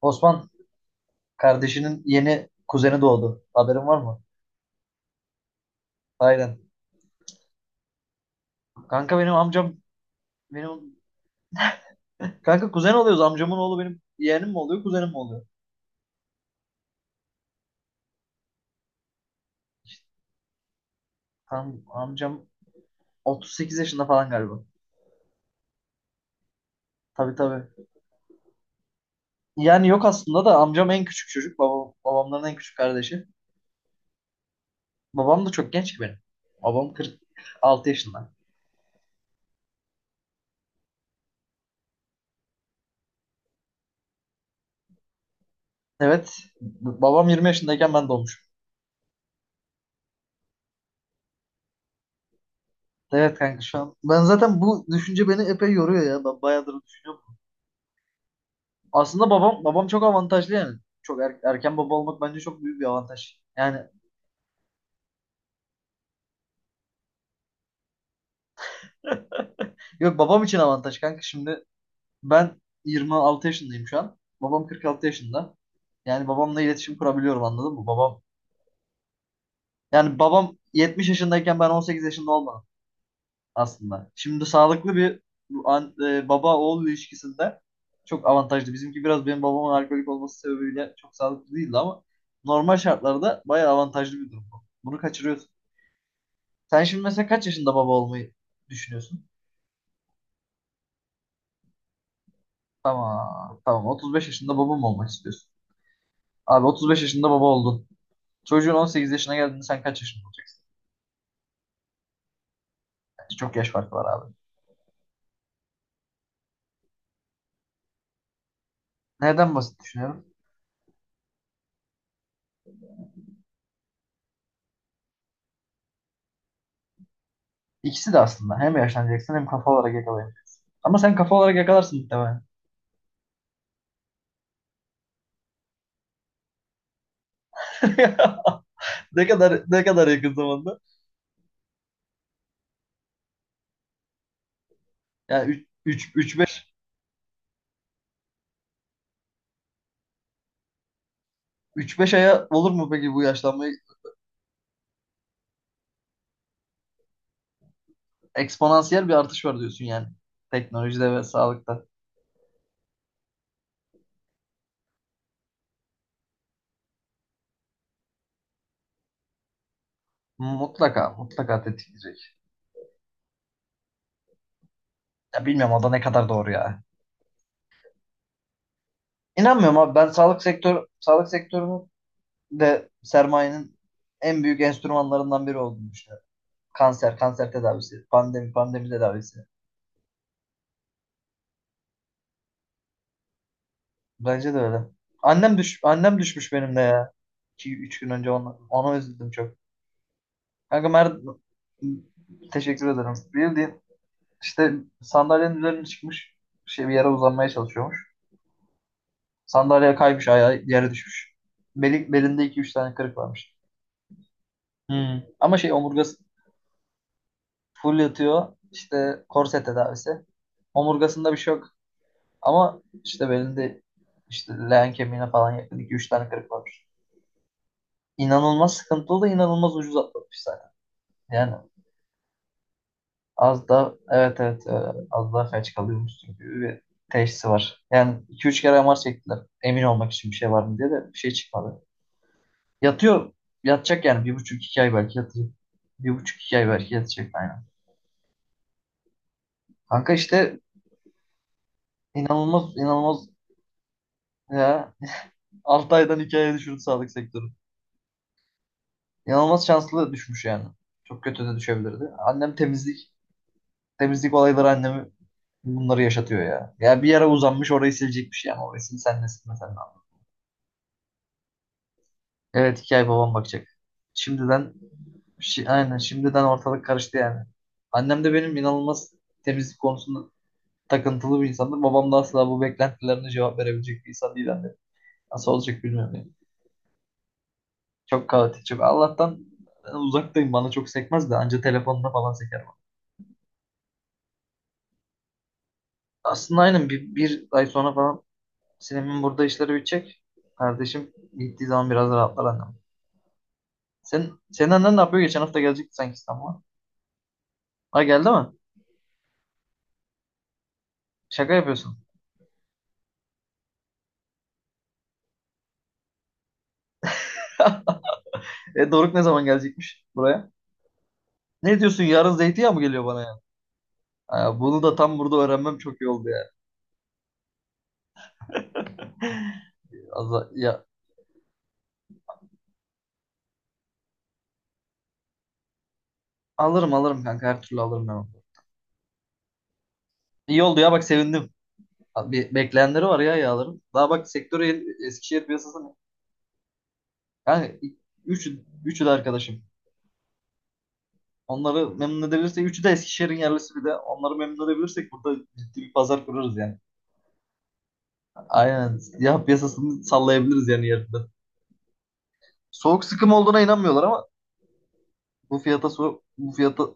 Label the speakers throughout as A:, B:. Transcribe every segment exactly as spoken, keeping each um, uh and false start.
A: Osman kardeşinin yeni kuzeni doğdu. Haberin var mı? Aynen. Kanka, benim amcam, benim kanka kuzen oluyoruz. Amcamın oğlu benim yeğenim mi oluyor, kuzenim mi oluyor? Tam amcam otuz sekiz yaşında falan galiba. Tabii, tabii. Yani yok aslında, da amcam en küçük çocuk. Babam, babamların en küçük kardeşi. Babam da çok genç ki benim. Babam kırk altı yaşında. Evet. Babam yirmi yaşındayken ben doğmuşum. Evet kanka, şu an. Ben zaten bu düşünce beni epey yoruyor ya. Ben bayağıdır düşünüyorum. Aslında babam babam çok avantajlı yani. Çok er- erken baba olmak bence çok büyük bir avantaj. Yani yok babam için avantaj kanka. Şimdi ben yirmi altı yaşındayım şu an. Babam kırk altı yaşında. Yani babamla iletişim kurabiliyorum, anladın mı? Babam yani babam yetmiş yaşındayken ben on sekiz yaşında olmadım aslında. Şimdi sağlıklı bir an- e, baba oğul ilişkisinde çok avantajlı. Bizimki biraz benim babamın alkolik olması sebebiyle çok sağlıklı değildi ama normal şartlarda bayağı avantajlı bir durum bu. Bunu kaçırıyorsun. Sen şimdi mesela kaç yaşında baba olmayı düşünüyorsun? Tamam. Tamam. otuz beş yaşında baba mı olmak istiyorsun? Abi otuz beş yaşında baba oldun. Çocuğun on sekiz yaşına geldiğinde sen kaç yaşında olacaksın? Bence çok yaş farkı var abi. Neden basit düşünüyorum? İkisi de aslında. Hem yaşlanacaksın hem kafa olarak yakalayabilirsin. Ama sen kafa olarak yakalarsın muhtemelen. Ne kadar ne kadar yakın zamanda? Yani üç üç beş üç beş aya olur mu peki bu yaşlanmayı? Eksponansiyel bir artış var diyorsun yani. Teknolojide ve sağlıkta. Mutlaka, mutlaka tetikleyecek. Ya bilmiyorum, o da ne kadar doğru ya. İnanmıyorum abi, ben sağlık sektör sağlık sektörünün de sermayenin en büyük enstrümanlarından biri olduğunu düşünüyorum. Kanser, kanser tedavisi, pandemi, pandemi tedavisi. Bence de öyle. Annem düş annem düşmüş benim de ya. iki üç gün önce ona, ona üzüldüm çok. Kanka Mer teşekkür ederim. Bildiğin işte sandalyenin üzerine çıkmış, şey, bir yere uzanmaya çalışıyormuş. Sandalyeye kaymış, ayağı yere düşmüş. Beli, belinde iki üç tane kırık varmış. Hmm. Ama şey, omurgası. Full yatıyor. İşte korse tedavisi. Omurgasında bir şey yok. Ama işte belinde, işte leğen kemiğine falan yakın iki üç tane kırık var. İnanılmaz sıkıntılı da inanılmaz ucuz atlatmış zaten. Yani az da evet, evet, e, az daha felç kalıyormuşsun gibi bir teşhisi var. Yani iki üç kere M R çektiler. Emin olmak için bir şey var mı diye de bir şey çıkmadı. Yatıyor. Yatacak yani. Bir buçuk iki ay belki yatacak. Bir buçuk iki ay belki yatacak aynen. Kanka işte inanılmaz, inanılmaz ya altı aydan iki aya düşürdü sağlık sektörü. İnanılmaz şanslı düşmüş yani. Çok kötü de düşebilirdi. Annem temizlik. Temizlik olayları annemi bunları yaşatıyor ya. Ya bir yere uzanmış orayı silecekmiş yani. Orayı sil sen de, silme sen de. Evet iki ay babam bakacak. Şimdiden, şi- aynen şimdiden ortalık karıştı yani. Annem de benim inanılmaz temizlik konusunda takıntılı bir insandır. Babam da asla bu beklentilerine cevap verebilecek bir insan değil, anne. Nasıl olacak bilmiyorum yani. Çok kaotik, çok. Allah'tan uzaktayım. Bana çok sekmez de anca telefonda falan seker bana. Aslında aynen bir, bir ay sonra falan Sinem'in burada işleri bitecek. Kardeşim gittiği zaman biraz rahatlar annem. Sen, senin annen ne yapıyor? Geçen hafta gelecekti sanki İstanbul'a. Ha, geldi mi? Şaka yapıyorsun. E, Doruk ne zaman gelecekmiş buraya? Ne diyorsun, yarın zeytinyağı mı geliyor bana ya? Ha, bunu da tam burada öğrenmem çok iyi oldu yani. Az- ya, alırım, alırım kanka her türlü alırım ben onu. İyi oldu ya, bak sevindim. Abi bir bekleyenleri var ya yağların. Daha bak sektörü Eskişehir piyasasını yani üç, üçü de arkadaşım. Onları memnun edebilirsek, üçü de Eskişehir'in yerlisi, bir de onları memnun edebilirsek burada ciddi bir pazar kurarız yani. Aynen. Ya piyasasını sallayabiliriz yani yerinde. Soğuk sıkım olduğuna inanmıyorlar ama bu fiyata soğuk bu fiyata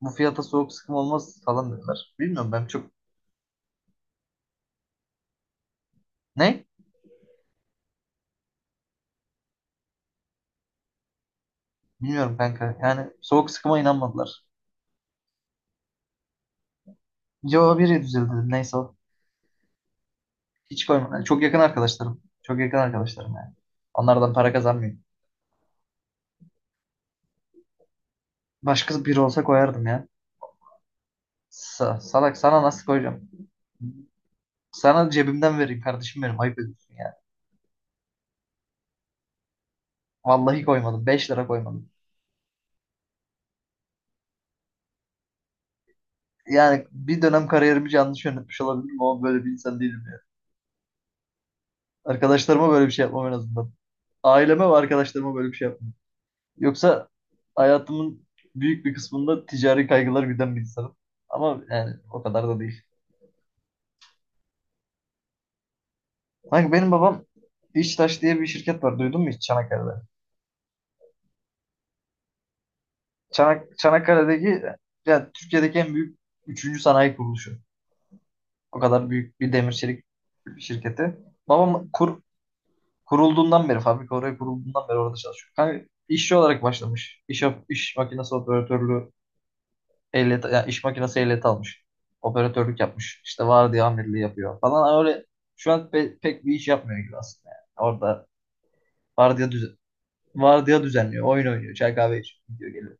A: bu fiyata soğuk sıkım olmaz falan dediler. Bilmiyorum, ben çok, ne? Bilmiyorum kanka. Yani soğuk sıkıma inanmadılar. Yo, biri düzeldi. Neyse o. Hiç koymadım. Yani çok yakın arkadaşlarım. Çok yakın arkadaşlarım yani. Onlardan para kazanmıyorum. Başkası biri olsa koyardım ya. Sa- salak, sana nasıl koyacağım? Sana cebimden vereyim kardeşim benim. Ayıp ediyorsun ya. Vallahi koymadım. Beş lira koymadım. Yani bir dönem kariyerimi yanlış yönetmiş olabilirim ama böyle bir insan değilim ya. Arkadaşlarıma böyle bir şey yapmam en azından. Aileme ve arkadaşlarıma böyle bir şey yapmam. Yoksa hayatımın büyük bir kısmında ticari kaygılar güden bir insanım. Ama yani o kadar da değil. Kanka benim babam, İçtaş diye bir şirket var. Duydun mu hiç Çanakkale'de? Çanak, Çanakkale'deki, yani Türkiye'deki en büyük üçüncü sanayi kuruluşu. O kadar büyük bir demir çelik şirketi. Babam kur, kurulduğundan beri, fabrika oraya kurulduğundan beri orada çalışıyor. Kanka işçi olarak başlamış. İş, iş makinesi operatörlüğü ehliyeti, yani iş makinesi ehliyeti almış. Operatörlük yapmış. İşte vardiya amirliği yapıyor falan. Öyle şu an pe- pek bir iş yapmıyor gibi aslında. Yani. Orada vardiya düz vardiya düzenliyor. Oyun oynuyor. Çay kahve içiyor. Gidiyor, geliyor.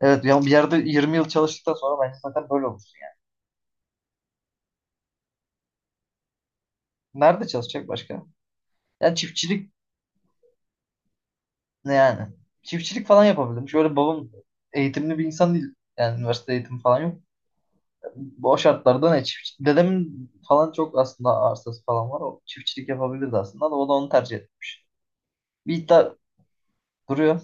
A: Evet ya bir yerde yirmi yıl çalıştıktan sonra bence zaten böyle olursun yani. Nerede çalışacak başka? Yani çiftçilik ne yani? Çiftçilik falan yapabilirim. Şöyle babam eğitimli bir insan değil. Yani üniversite eğitimi falan yok. Bu o şartlarda ne çiftçilik? Dedemin falan çok aslında arsası falan var. O çiftçilik yapabilirdi aslında da o da onu tercih etmiş. Bir iddia duruyor.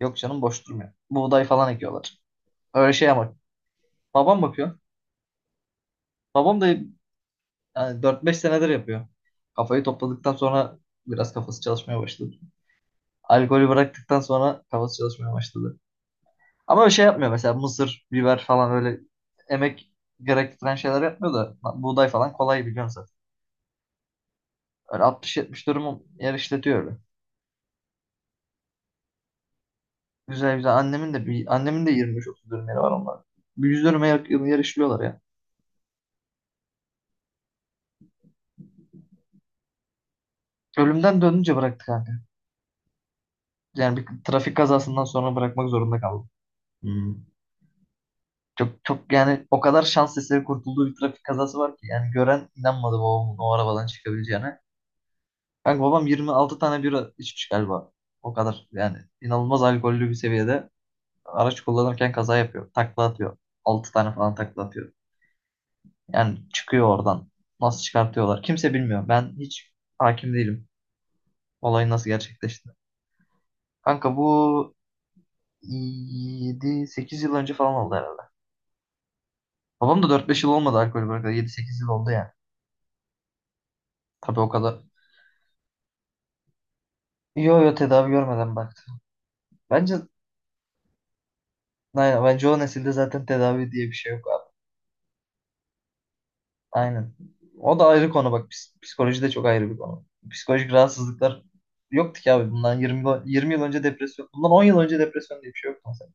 A: Yok canım, boş durmuyor. Buğday falan ekiyorlar. Öyle şey ama babam bakıyor. Babam da, yani dört beş senedir yapıyor. Kafayı topladıktan sonra biraz kafası çalışmaya başladı. Alkolü bıraktıktan sonra kafası çalışmaya başladı. Ama bir şey yapmıyor mesela, mısır, biber falan öyle emek gerektiren şeyler yapmıyor da buğday falan kolay biliyorsun zaten. Öyle altmış yetmiş dönüm yer işletiyor öyle. Güzel, güzel. Annemin de bir annemin de yirmi beş otuz dönüm yeri var onlar. Bir yüz dönüme yakın yer işliyorlar ya. Ölümden dönünce bıraktık kanka. Yani bir trafik kazasından sonra bırakmak zorunda kaldım. Hmm. Çok, çok yani, o kadar şans eseri kurtulduğu bir trafik kazası var ki yani gören inanmadı babamın o arabadan çıkabileceğine. Kanka babam yirmi altı tane bira içmiş galiba. O kadar yani inanılmaz alkollü bir seviyede araç kullanırken kaza yapıyor. Takla atıyor. Altı tane falan takla atıyor. Yani çıkıyor oradan. Nasıl çıkartıyorlar? Kimse bilmiyor. Ben hiç hakim değilim olayın nasıl gerçekleşti. Kanka bu yedi sekiz yıl önce falan oldu herhalde. Babam da dört beş yıl olmadı alkol bırakalı. Yedi sekiz yıl oldu yani. Tabii o kadar, yo, yo tedavi görmeden baktı. Bence aynen, bence o nesilde zaten tedavi diye bir şey yok abi. Aynen. O da ayrı konu bak. Pis- Psikoloji de çok ayrı bir konu. Psikolojik rahatsızlıklar yoktu ki abi. Bundan yirmi, yıl- yirmi yıl önce depresyon. Bundan on yıl önce depresyon diye bir şey yoktu mesela.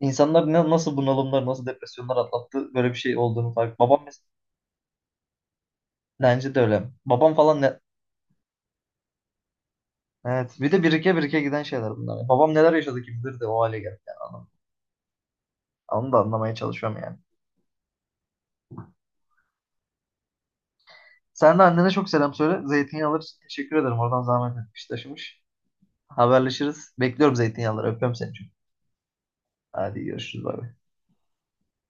A: İnsanlar ne, nasıl bunalımlar, nasıl depresyonlar atlattı, böyle bir şey olduğunu fark. Babam mesela bence de öyle. Babam falan ne? Evet. Bir de birike birike giden şeyler bunlar. Babam neler yaşadı kim bilir de o hale geldi. Yani. Onu da anlamaya çalışıyorum yani. Sen de annene çok selam söyle. Zeytinyağları için teşekkür ederim. Oradan zahmet etmiş taşımış. Haberleşiriz. Bekliyorum zeytinyağları. Öpüyorum seni çok. Hadi görüşürüz. Bay bay.